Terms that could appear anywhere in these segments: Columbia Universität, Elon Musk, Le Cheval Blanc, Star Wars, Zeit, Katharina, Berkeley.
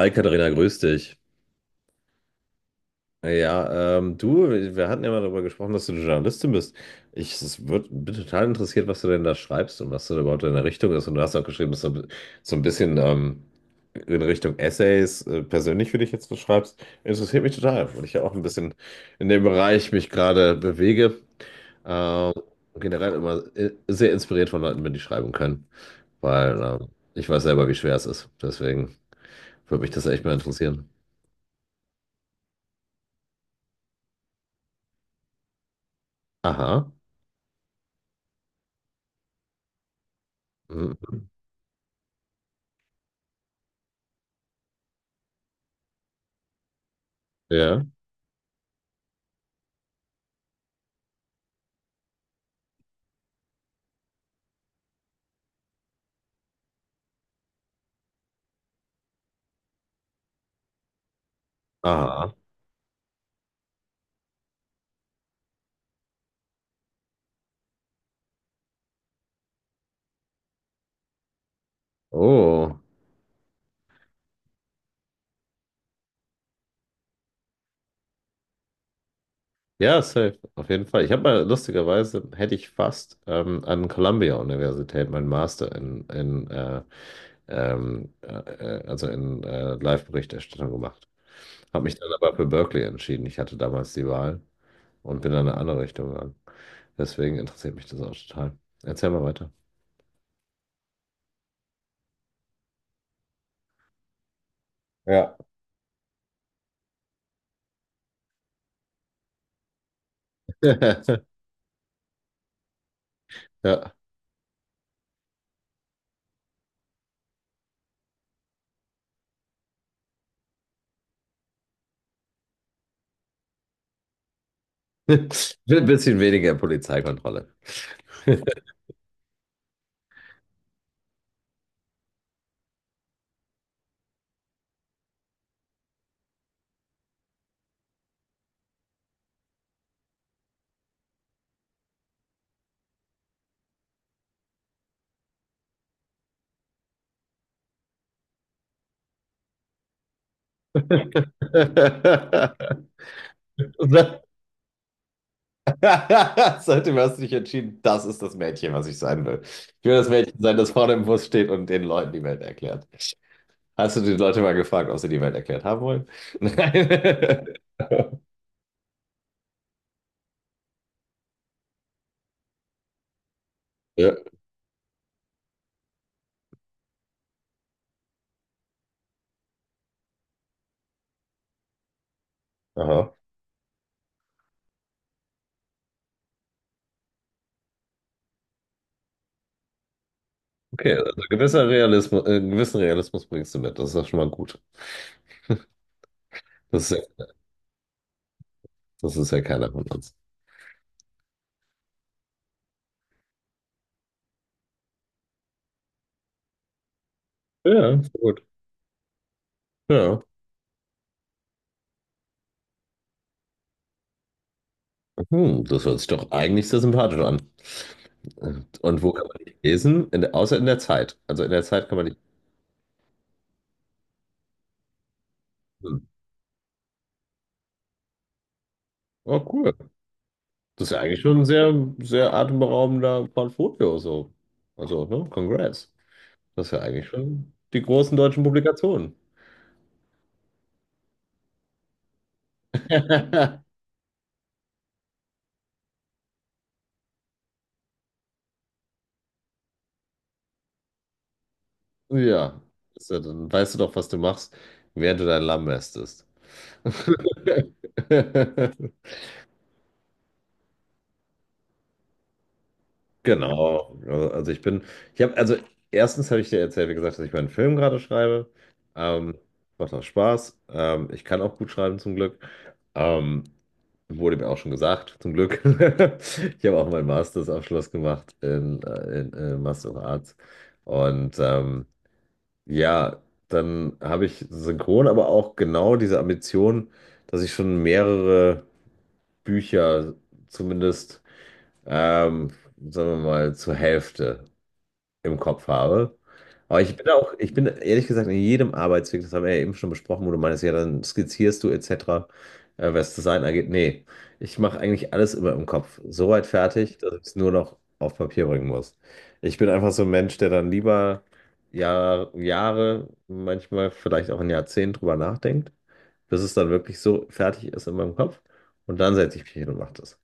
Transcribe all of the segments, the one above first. Hi Katharina, grüß dich. Ja, du, wir hatten ja mal darüber gesprochen, dass du eine Journalistin bist. Bin total interessiert, was du denn da schreibst und was da überhaupt deine Richtung ist. Und du hast auch geschrieben, dass du so ein bisschen in Richtung Essays persönlich für dich jetzt was schreibst. Interessiert mich total, weil ich ja auch ein bisschen in dem Bereich mich gerade bewege. Ähm, Generell immer sehr inspiriert von Leuten, wenn die schreiben können, weil ich weiß selber, wie schwer es ist. Deswegen würde mich das echt mal interessieren. Aha. Mhm. Ja. Ah. Oh. Ja, safe. Auf jeden Fall. Ich habe mal lustigerweise, hätte ich fast an Columbia Universität meinen Master in ähm, äh, also in Live-Berichterstattung gemacht. Habe mich dann aber für Berkeley entschieden. Ich hatte damals die Wahl und bin dann in eine andere Richtung gegangen. Deswegen interessiert mich das auch total. Erzähl mal weiter. Ja. Ja. Ein bisschen weniger Polizeikontrolle. Das. Seitdem hast du dich entschieden, das ist das Mädchen, was ich sein will. Ich will das Mädchen sein, das vorne im Bus steht und den Leuten die Welt erklärt. Hast du die Leute mal gefragt, ob sie die Welt erklärt haben wollen? Nein. Ja. Aha. Okay, also einen gewissen Realismus bringst du mit. Das ist doch schon mal gut. Das ist ja, das ist ja keiner von uns. Ja, so gut. Ja. Hm, das hört sich doch eigentlich sehr sympathisch an. Und wo kann man dich lesen? In der, außer in der Zeit. Also in der Zeit kann man dich lesen. Oh, cool. Das ist ja eigentlich schon ein sehr, sehr atemberaubender Portfolio so. Also, ne? Congrats. Das ist ja eigentlich schon die großen deutschen Publikationen. Ja, ist ja, dann weißt du doch, was du machst, während du dein Lamm mästest. Genau. Also ich bin, ich habe, also erstens habe ich dir erzählt, wie gesagt, dass ich meinen Film gerade schreibe. Ähm, macht auch Spaß. Ich kann auch gut schreiben zum Glück. Ähm, wurde mir auch schon gesagt, zum Glück. Ich habe auch meinen Masterabschluss gemacht in Master of Arts. Und ja, dann habe ich synchron aber auch genau diese Ambition, dass ich schon mehrere Bücher zumindest, ähm, sagen wir mal, zur Hälfte im Kopf habe. Aber ich bin ehrlich gesagt in jedem Arbeitsweg, das haben wir ja eben schon besprochen, wo du meinst, ja, dann skizzierst du etc., was Design angeht. Nee, ich mache eigentlich alles immer im Kopf. So weit fertig, dass ich es nur noch auf Papier bringen muss. Ich bin einfach so ein Mensch, der dann lieber Jahre, manchmal vielleicht auch ein Jahrzehnt drüber nachdenkt, bis es dann wirklich so fertig ist in meinem Kopf. Und dann setze ich mich hin und mache das.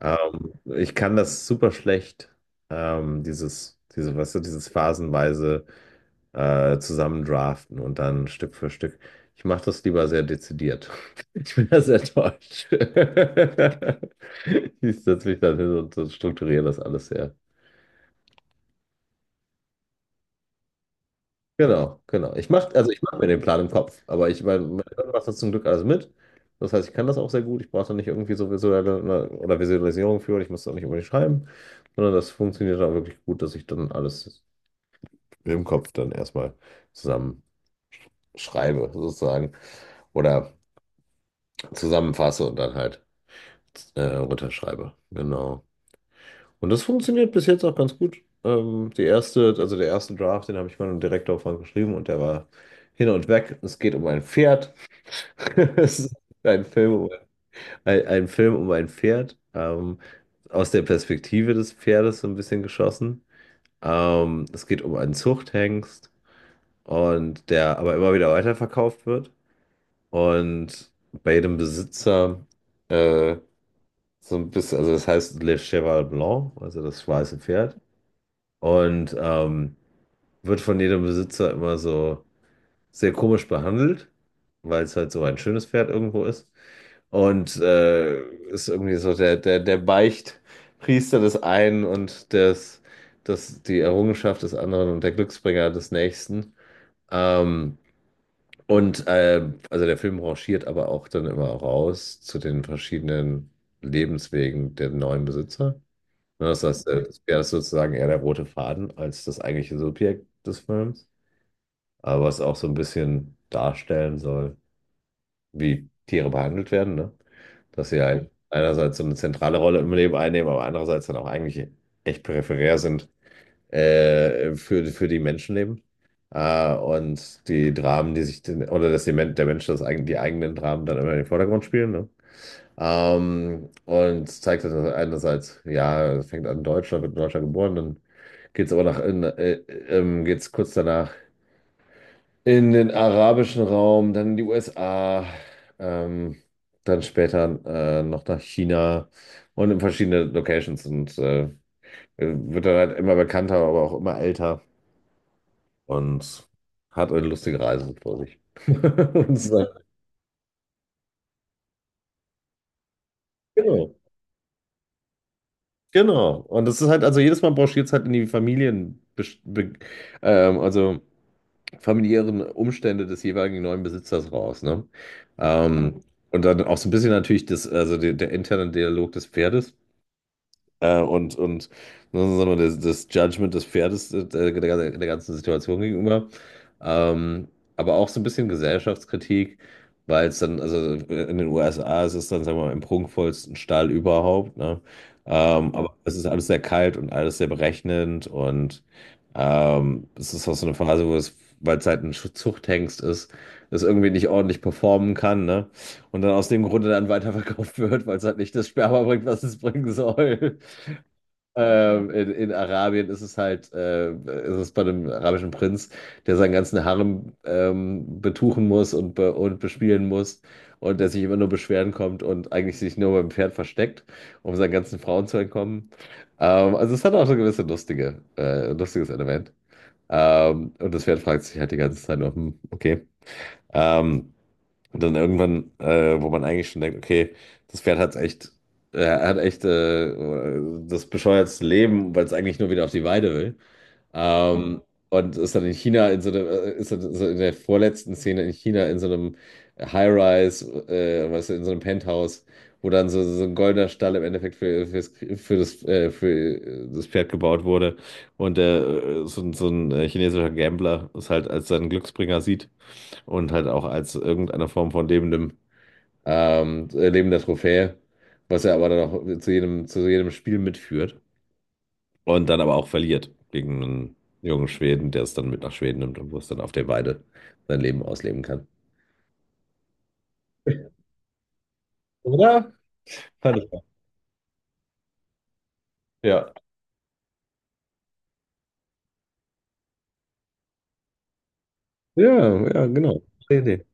Ich kann das super schlecht, weißt du, dieses phasenweise zusammendraften und dann Stück für Stück. Ich mache das lieber sehr dezidiert. Ich bin da sehr deutsch. Ich setze mich dann hin und strukturiere das alles sehr. Genau. Also ich mache mir den Plan im Kopf, aber mein Gehirn macht das zum Glück alles mit. Das heißt, ich kann das auch sehr gut. Ich brauche da nicht irgendwie so visuelle ne, oder Visualisierung für und ich muss da nicht unbedingt schreiben, sondern das funktioniert dann wirklich gut, dass ich dann alles im Kopf dann erstmal zusammen schreibe, sozusagen. Oder zusammenfasse und dann halt runterschreibe. Genau. Und das funktioniert bis jetzt auch ganz gut. Also der erste Draft, den habe ich mal einem Direktor von geschrieben und der war hin und weg. Es geht um ein Pferd. Es ist ein Film um ein Film um ein Pferd, aus der Perspektive des Pferdes so ein bisschen geschossen. Es geht um einen Zuchthengst und der aber immer wieder weiterverkauft wird und bei jedem Besitzer äh, so ein bisschen, also das heißt Le Cheval Blanc, also das weiße Pferd. Und wird von jedem Besitzer immer so sehr komisch behandelt, weil es halt so ein schönes Pferd irgendwo ist. Und ist irgendwie so der Beichtpriester des einen und die Errungenschaft des anderen und der Glücksbringer des nächsten. Ähm, also der Film rangiert aber auch dann immer raus zu den verschiedenen Lebenswegen der neuen Besitzer. Ne, das heißt, Mhm. Das wäre sozusagen eher der rote Faden als das eigentliche Subjekt des Films, aber es auch so ein bisschen darstellen soll, wie Tiere behandelt werden, ne? Dass sie Mhm. Einerseits so eine zentrale Rolle im Leben einnehmen, aber andererseits dann auch eigentlich echt peripherär sind für die Menschenleben. Und die Dramen, die sich, den- oder dass die, Men- der Mensch die eigenen Dramen dann immer in den Vordergrund spielen, ne? Und zeigt das einerseits, ja, es fängt an in Deutschland, wird in Deutschland geboren, dann geht's kurz danach in den arabischen Raum, dann in die USA, ähm, dann später noch nach China und in verschiedene Locations, und wird dann halt immer bekannter, aber auch immer älter und hat eine lustige Reise vor sich. Und so. Genau, genau. Und das ist halt, also jedes Mal brauchst du jetzt halt in die Familien, ähm, also familiären Umstände des jeweiligen neuen Besitzers raus, ne? Ähm, und dann auch so ein bisschen natürlich das, also der interne Dialog des Pferdes und ne, sagen wir, das Judgment des Pferdes der ganzen Situation gegenüber. Ähm, aber auch so ein bisschen Gesellschaftskritik, weil es dann, also in den USA ist es dann, sagen wir mal, im prunkvollsten Stall überhaupt, ne? Ja, aber es ist alles sehr kalt und alles sehr berechnend, und es ist auch so eine Phase, wo es, weil es halt ein Zuchthengst ist, es irgendwie nicht ordentlich performen kann, ne? Und dann aus dem Grunde dann weiterverkauft wird, weil es halt nicht das Sperma bringt, was es bringen soll. In Arabien ist es halt, ist es bei dem arabischen Prinz, der seinen ganzen Harem betuchen muss und bespielen muss und der sich immer nur beschweren kommt und eigentlich sich nur beim Pferd versteckt, um seinen ganzen Frauen zu entkommen. Also es hat auch so gewisse lustiges Element. Und das Pferd fragt sich halt die ganze Zeit nur, hm, okay. Ähm, und dann irgendwann, wo man eigentlich schon denkt, okay, das Pferd hat echt, äh, hat echt äh, das bescheuertste Leben, weil es eigentlich nur wieder auf die Weide will. Ähm, und ist dann in China in so einem, ist dann so in der vorletzten Szene in China in so einem High-Rise, weißt du, in so einem Penthouse, wo dann so ein goldener Stall im Endeffekt für das Pferd gebaut wurde. Und so ein chinesischer Gambler es halt als seinen Glücksbringer sieht und halt auch als irgendeine Form von lebendem, lebender Trophäe, was er aber dann auch zu jedem Spiel mitführt und dann aber auch verliert gegen einen jungen Schweden, der es dann mit nach Schweden nimmt und wo es dann auf der Weide sein Leben ausleben kann. Oder? Fand ich. Ja. Ja, ja, genau. Idee.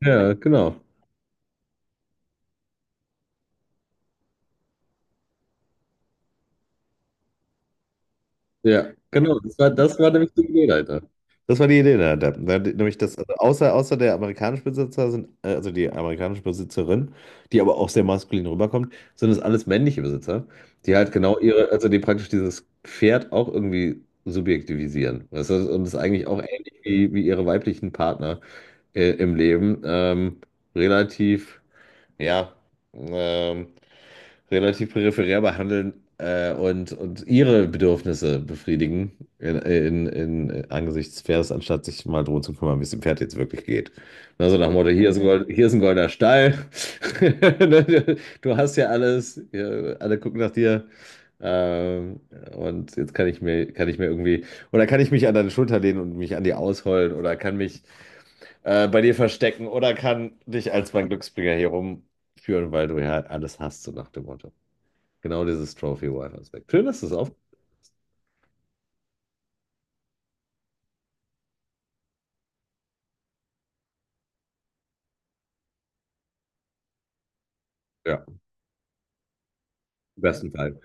Ja, genau. Ja, genau. Das war nämlich die Idee dahinter. Das war die Idee dahinter. Da, nämlich dass, also außer der amerikanische Besitzer sind, also die amerikanische Besitzerin, die aber auch sehr maskulin rüberkommt, sind es alles männliche Besitzer, die halt genau ihre, also die praktisch dieses Pferd auch irgendwie subjektivisieren. Und das ist eigentlich auch ähnlich wie, wie ihre weiblichen Partner im Leben, relativ, ja, ähm, relativ peripherär behandeln und ihre Bedürfnisse befriedigen angesichts Fairs, anstatt sich mal drum zu kümmern, wie es dem Pferd jetzt wirklich geht. Na, so nach dem Motto, hier ist ein goldener Stall. Du hast ja alles, hier, alle gucken nach dir. Ähm, und jetzt kann ich mir irgendwie, oder kann ich mich an deine Schulter lehnen und mich an dir ausheulen oder kann mich bei dir verstecken oder kann dich als mein Glücksbringer hier rumführen, weil du ja alles hast, so nach dem Motto. Genau dieses Trophy-Wife-Aspekt. Schön, dass du es auf. Ja, im besten Fall.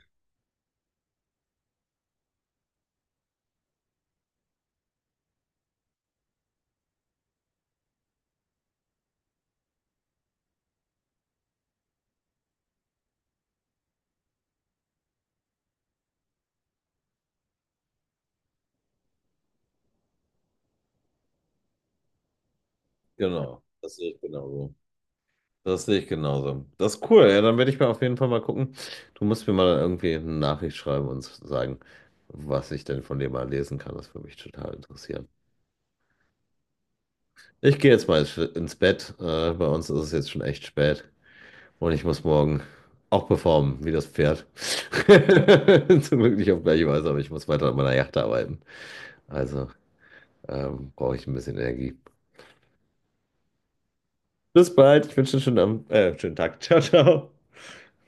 Genau, das sehe ich genauso. Das sehe ich genauso. Das ist cool. Ja, dann werde ich mir auf jeden Fall mal gucken. Du musst mir mal irgendwie eine Nachricht schreiben und sagen, was ich denn von dir mal lesen kann. Das würde mich total interessieren. Ich gehe jetzt mal ins Bett. Bei uns ist es jetzt schon echt spät. Und ich muss morgen auch performen, wie das Pferd. Zum Glück nicht auf gleiche Weise, aber ich muss weiter an meiner Yacht arbeiten. Also brauche ich ein bisschen Energie. Bis bald. Ich wünsche dir einen schönen Tag. Ciao, ciao.